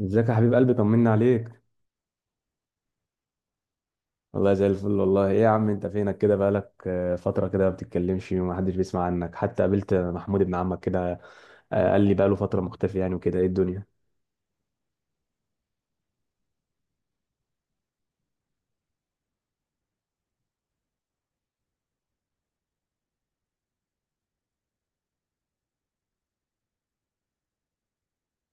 ازيك يا حبيب قلبي؟ طمنا عليك. والله زي الفل. والله، ايه يا عم، انت فينك كده؟ بقالك فترة كده ما بتتكلمش ومحدش بيسمع عنك. حتى قابلت محمود ابن عمك كده، قال لي بقاله فترة مختفي، يعني وكده ايه الدنيا.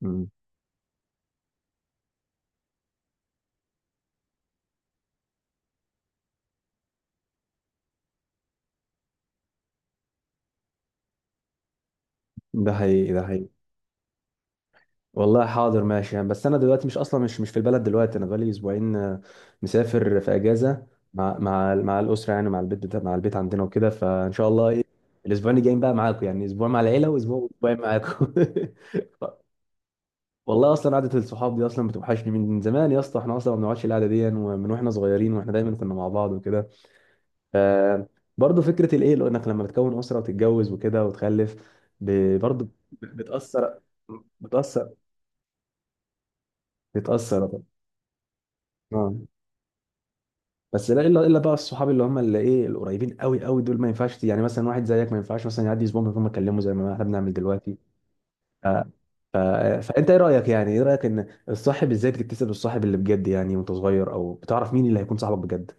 مم. ده حقيقي، ده حقيقي. والله حاضر، ماشي يعني. بس انا دلوقتي مش اصلا، مش في البلد دلوقتي. انا بقالي اسبوعين، مسافر في اجازة مع الاسرة، يعني مع البيت بتاع، مع البيت عندنا، وكده. فان شاء الله، ايه الاسبوعين الجايين بقى معاكم. يعني اسبوع مع العيلة، واسبوع، اسبوعين معاكم. والله اصلا قعده الصحاب دي اصلا بتوحشني من زمان يا اسطى. احنا اصلا ما بنقعدش القعده دي، ومن واحنا صغيرين واحنا دايما كنا مع بعض وكده. ف، برضه فكره الايه، لو انك لما بتكون اسره وتتجوز وكده وتخلف برضه بتاثر، بتاثر، بتاثر طبعاً. اه بس لا، الا بقى الصحاب اللي هم، اللي ايه، القريبين قوي قوي دول ما ينفعش. يعني مثلا واحد زيك، ما ينفعش مثلا يعدي اسبوع من غير ما اكلمه، زي ما احنا بنعمل دلوقتي. ف... ف... فانت ايه رايك؟ يعني ايه رايك ان الصاحب ازاي بتكتسب الصاحب اللي بجد، يعني وانت صغير، او بتعرف مين اللي هيكون صاحبك بجد؟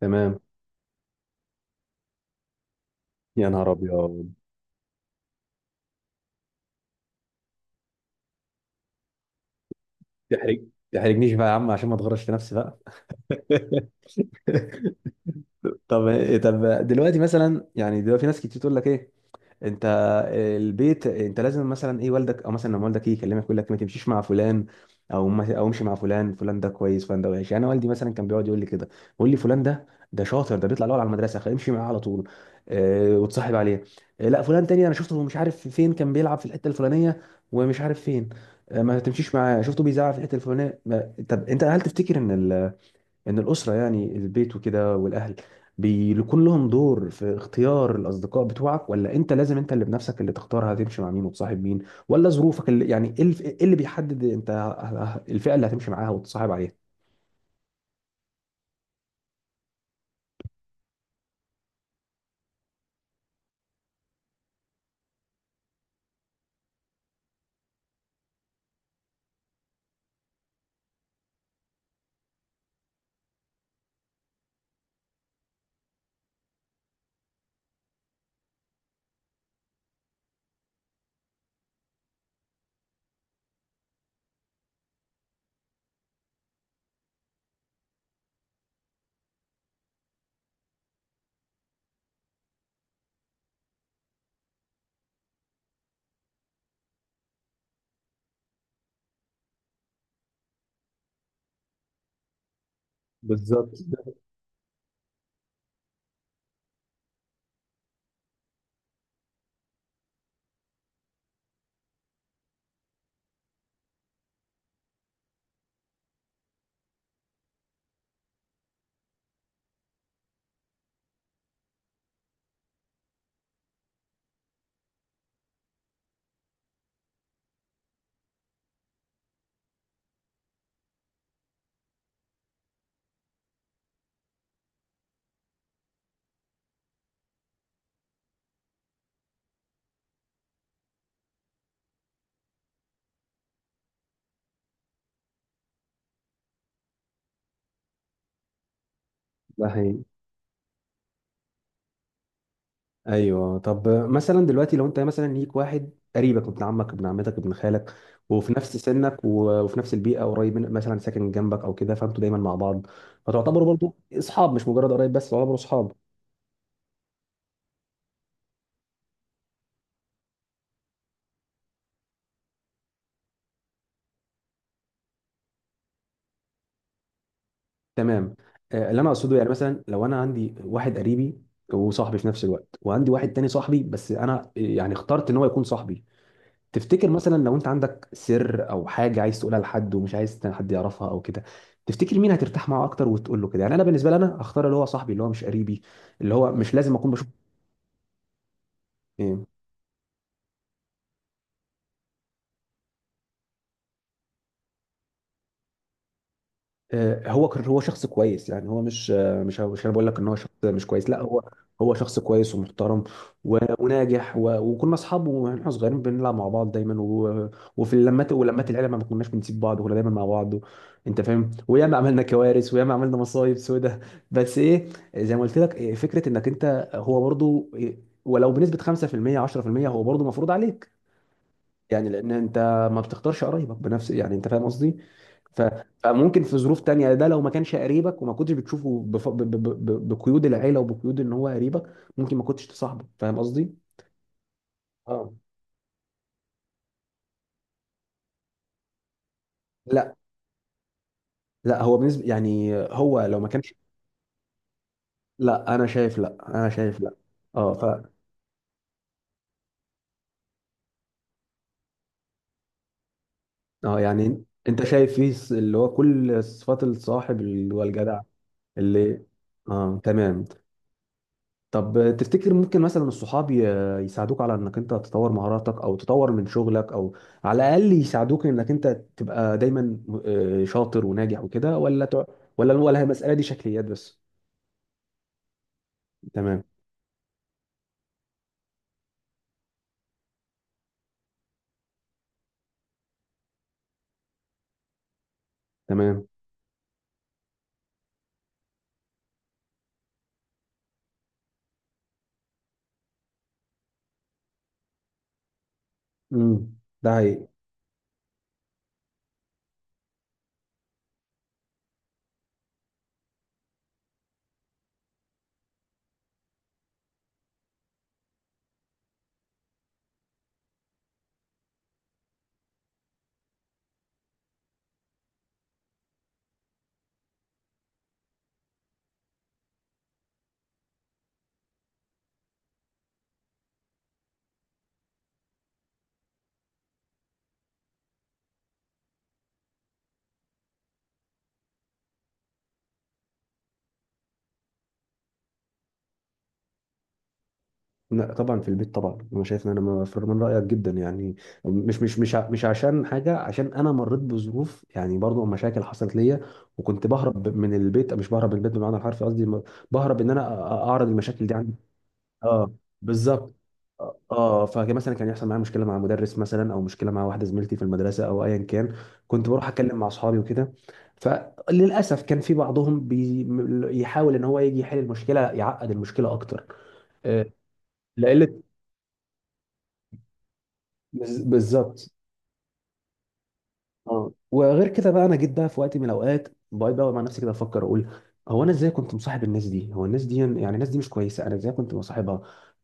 تمام. يا نهار ابيض. تحرج تحرجنيش بقى يا عم، عشان ما تغرش في نفسي بقى. طب طب دلوقتي مثلا، يعني دلوقتي ناس كتير تقول لك ايه. انت، البيت، انت لازم مثلا ايه، والدك، او مثلا لما والدك يجي يكلمك يقول لك ما تمشيش مع فلان، او ما او امشي مع فلان. فلان ده كويس، فلان ده وحش. يعني انا والدي مثلا كان بيقعد يقول لي كده، يقول لي فلان ده شاطر، ده بيطلع الاول على المدرسه، خلي امشي معاه على طول. وتصاحب عليه. لا، فلان تاني انا شفته، مش عارف فين، كان بيلعب في الحته الفلانيه ومش عارف فين. ما تمشيش معاه، شفته بيزعق في الحته الفلانيه. طب انت، هل تفتكر ان الاسره يعني البيت وكده والاهل بيكون لهم دور في اختيار الاصدقاء بتوعك؟ ولا انت لازم انت اللي بنفسك اللي تختار هتمشي مع مين وتصاحب مين؟ ولا ظروفك اللي يعني، ايه إيه اللي بيحدد انت الفئه اللي هتمشي معاها وتصاحب عليها؟ بالظبط. ده حقيقي. ايوه. طب مثلا دلوقتي لو انت مثلا ليك واحد قريبك، ابن عمك، ابن عمتك، ابن خالك، وفي نفس سنك، وفي نفس البيئه، قريب من، مثلا ساكن جنبك او كده، فانتوا دايما مع بعض، فتعتبروا برضو اصحاب، مش مجرد قرايب بس، تعتبروا اصحاب. تمام. اللي انا اقصده يعني مثلا لو انا عندي واحد قريبي وصاحبي في نفس الوقت، وعندي واحد تاني صاحبي بس، انا يعني اخترت ان هو يكون صاحبي. تفتكر مثلا لو انت عندك سر او حاجه عايز تقولها لحد ومش عايز حد يعرفها او كده، تفتكر مين هترتاح معاه اكتر وتقول له كده؟ يعني انا بالنسبه لي، انا هختار اللي هو صاحبي اللي هو مش قريبي، اللي هو مش لازم اكون بشوف إيه، هو شخص كويس. يعني هو مش، مش انا بقول لك ان هو شخص مش كويس، لا، هو هو شخص كويس ومحترم، و- وناجح، وكنا اصحاب واحنا صغيرين، بنلعب مع بعض دايما، وفي اللمات ولمات العيله ما كناش بنسيب بعض، وكنا دايما مع بعض. انت فاهم، وياما عملنا كوارث وياما عملنا مصايب سودة. بس ايه، زي ما قلت لك فكره انك انت هو برضو ولو بنسبه 5% 10% هو برضو مفروض عليك. يعني لان انت ما بتختارش قرايبك بنفس، يعني انت فاهم قصدي. ف- فممكن في ظروف تانية، ده لو ما كانش قريبك وما كنتش بتشوفه بف... ب... ب... ب... بقيود العيله وبقيود ان هو قريبك ممكن ما كنتش تصاحبه، فاهم قصدي. اه. لا، لا، هو بالنسبه، يعني هو لو ما كانش. لا انا شايف لا. اه ف اه يعني انت شايف فيه اللي هو كل صفات الصاحب اللي هو الجدع، اللي. اه تمام. طب تفتكر ممكن مثلا الصحاب يساعدوك على انك انت تطور مهاراتك، او تطور من شغلك، او على الاقل يساعدوك انك انت تبقى دايما شاطر وناجح وكده، ولا تع... ولا ولا هي المسألة دي شكليات بس؟ تمام. تمام. امم ده هي. لا طبعا، في البيت طبعا، انا شايف ان انا مفر من رايك جدا يعني. مش عشان حاجه، عشان انا مريت بظروف يعني برضو، مشاكل حصلت ليا وكنت بهرب من البيت، مش بهرب من البيت بمعنى الحرفي، قصدي بهرب ان انا اعرض المشاكل دي عندي. اه بالظبط. اه، فكان مثلا كان يحصل معايا مشكله مع مدرس مثلا، او مشكله مع واحده زميلتي في المدرسه، او ايا كان، كنت بروح اتكلم مع اصحابي وكده. فللاسف كان في بعضهم بيحاول ان هو يجي يحل المشكله يعقد المشكله اكتر. آه، لقله. بالظبط. اه، وغير كده بقى، انا جيت بقى في وقت من الاوقات بقعد بقى مع نفسي كده افكر، اقول هو انا ازاي كنت مصاحب الناس دي؟ هو الناس دي، يعني الناس دي مش كويسه، انا ازاي كنت مصاحبها؟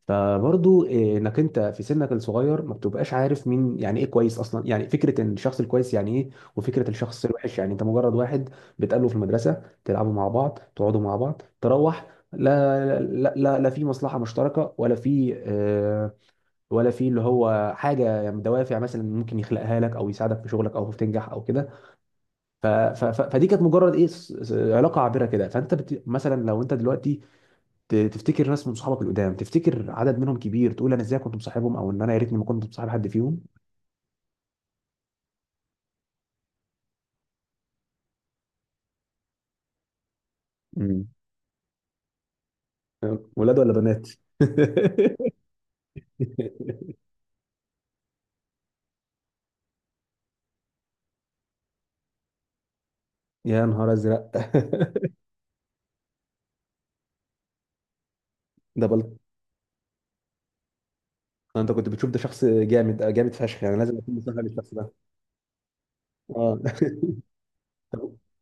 فبرضو انك انت في سنك الصغير ما بتبقاش عارف مين، يعني ايه كويس اصلا، يعني فكره ان الشخص الكويس يعني ايه، وفكره الشخص الوحش، يعني انت مجرد واحد بتقابله في المدرسه، تلعبوا مع بعض، تقعدوا مع بعض، تروح. لا، لا، لا، لا في مصلحه مشتركه، ولا في ولا في اللي هو حاجه، يعني دوافع مثلا ممكن يخلقها لك، او يساعدك في شغلك، او في تنجح او كده. فدي كانت مجرد ايه، علاقه عابره كده. فانت مثلا لو انت دلوقتي تفتكر ناس من صحابك القدام؟ تفتكر عدد منهم كبير تقول انا ازاي كنت مصاحبهم؟ او ان انا يا ريتني ما كنت مصاحب حد فيهم. مم. ولاد ولا بنات؟ يا نهار ازرق. ده بلط. انت كنت بتشوف ده شخص جامد، جامد فشخ، يعني لازم اكون مصاحب الشخص ده. اه.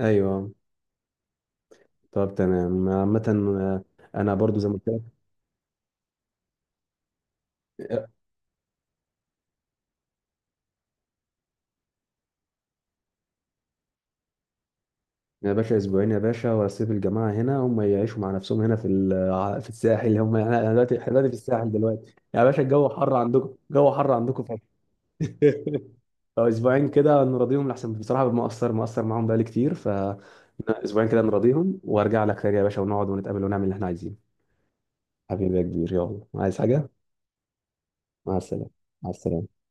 ايوه، طب تمام عامة. آه، أنا برضو زي ما قلت لك. آه، يا باشا أسبوعين يا باشا، وأسيب الجماعة هنا هم يعيشوا مع نفسهم هنا في الساحل. هم، أنا دلوقتي، إحنا دلوقتي في الساحل دلوقتي يا باشا. الجو حر عندكم، الجو حر عندكم فشخ. فأسبوعين كده نراضيهم لأحسن، بصراحة مقصر، مقصر معاهم بقالي كتير. فأسبوعين كده نراضيهم، وأرجع لك تاني يا باشا، ونقعد ونتقابل ونعمل اللي إحنا عايزينه. حبيبي يا كبير، يلا، عايز حاجة؟ مع السلامة. مع السلامة.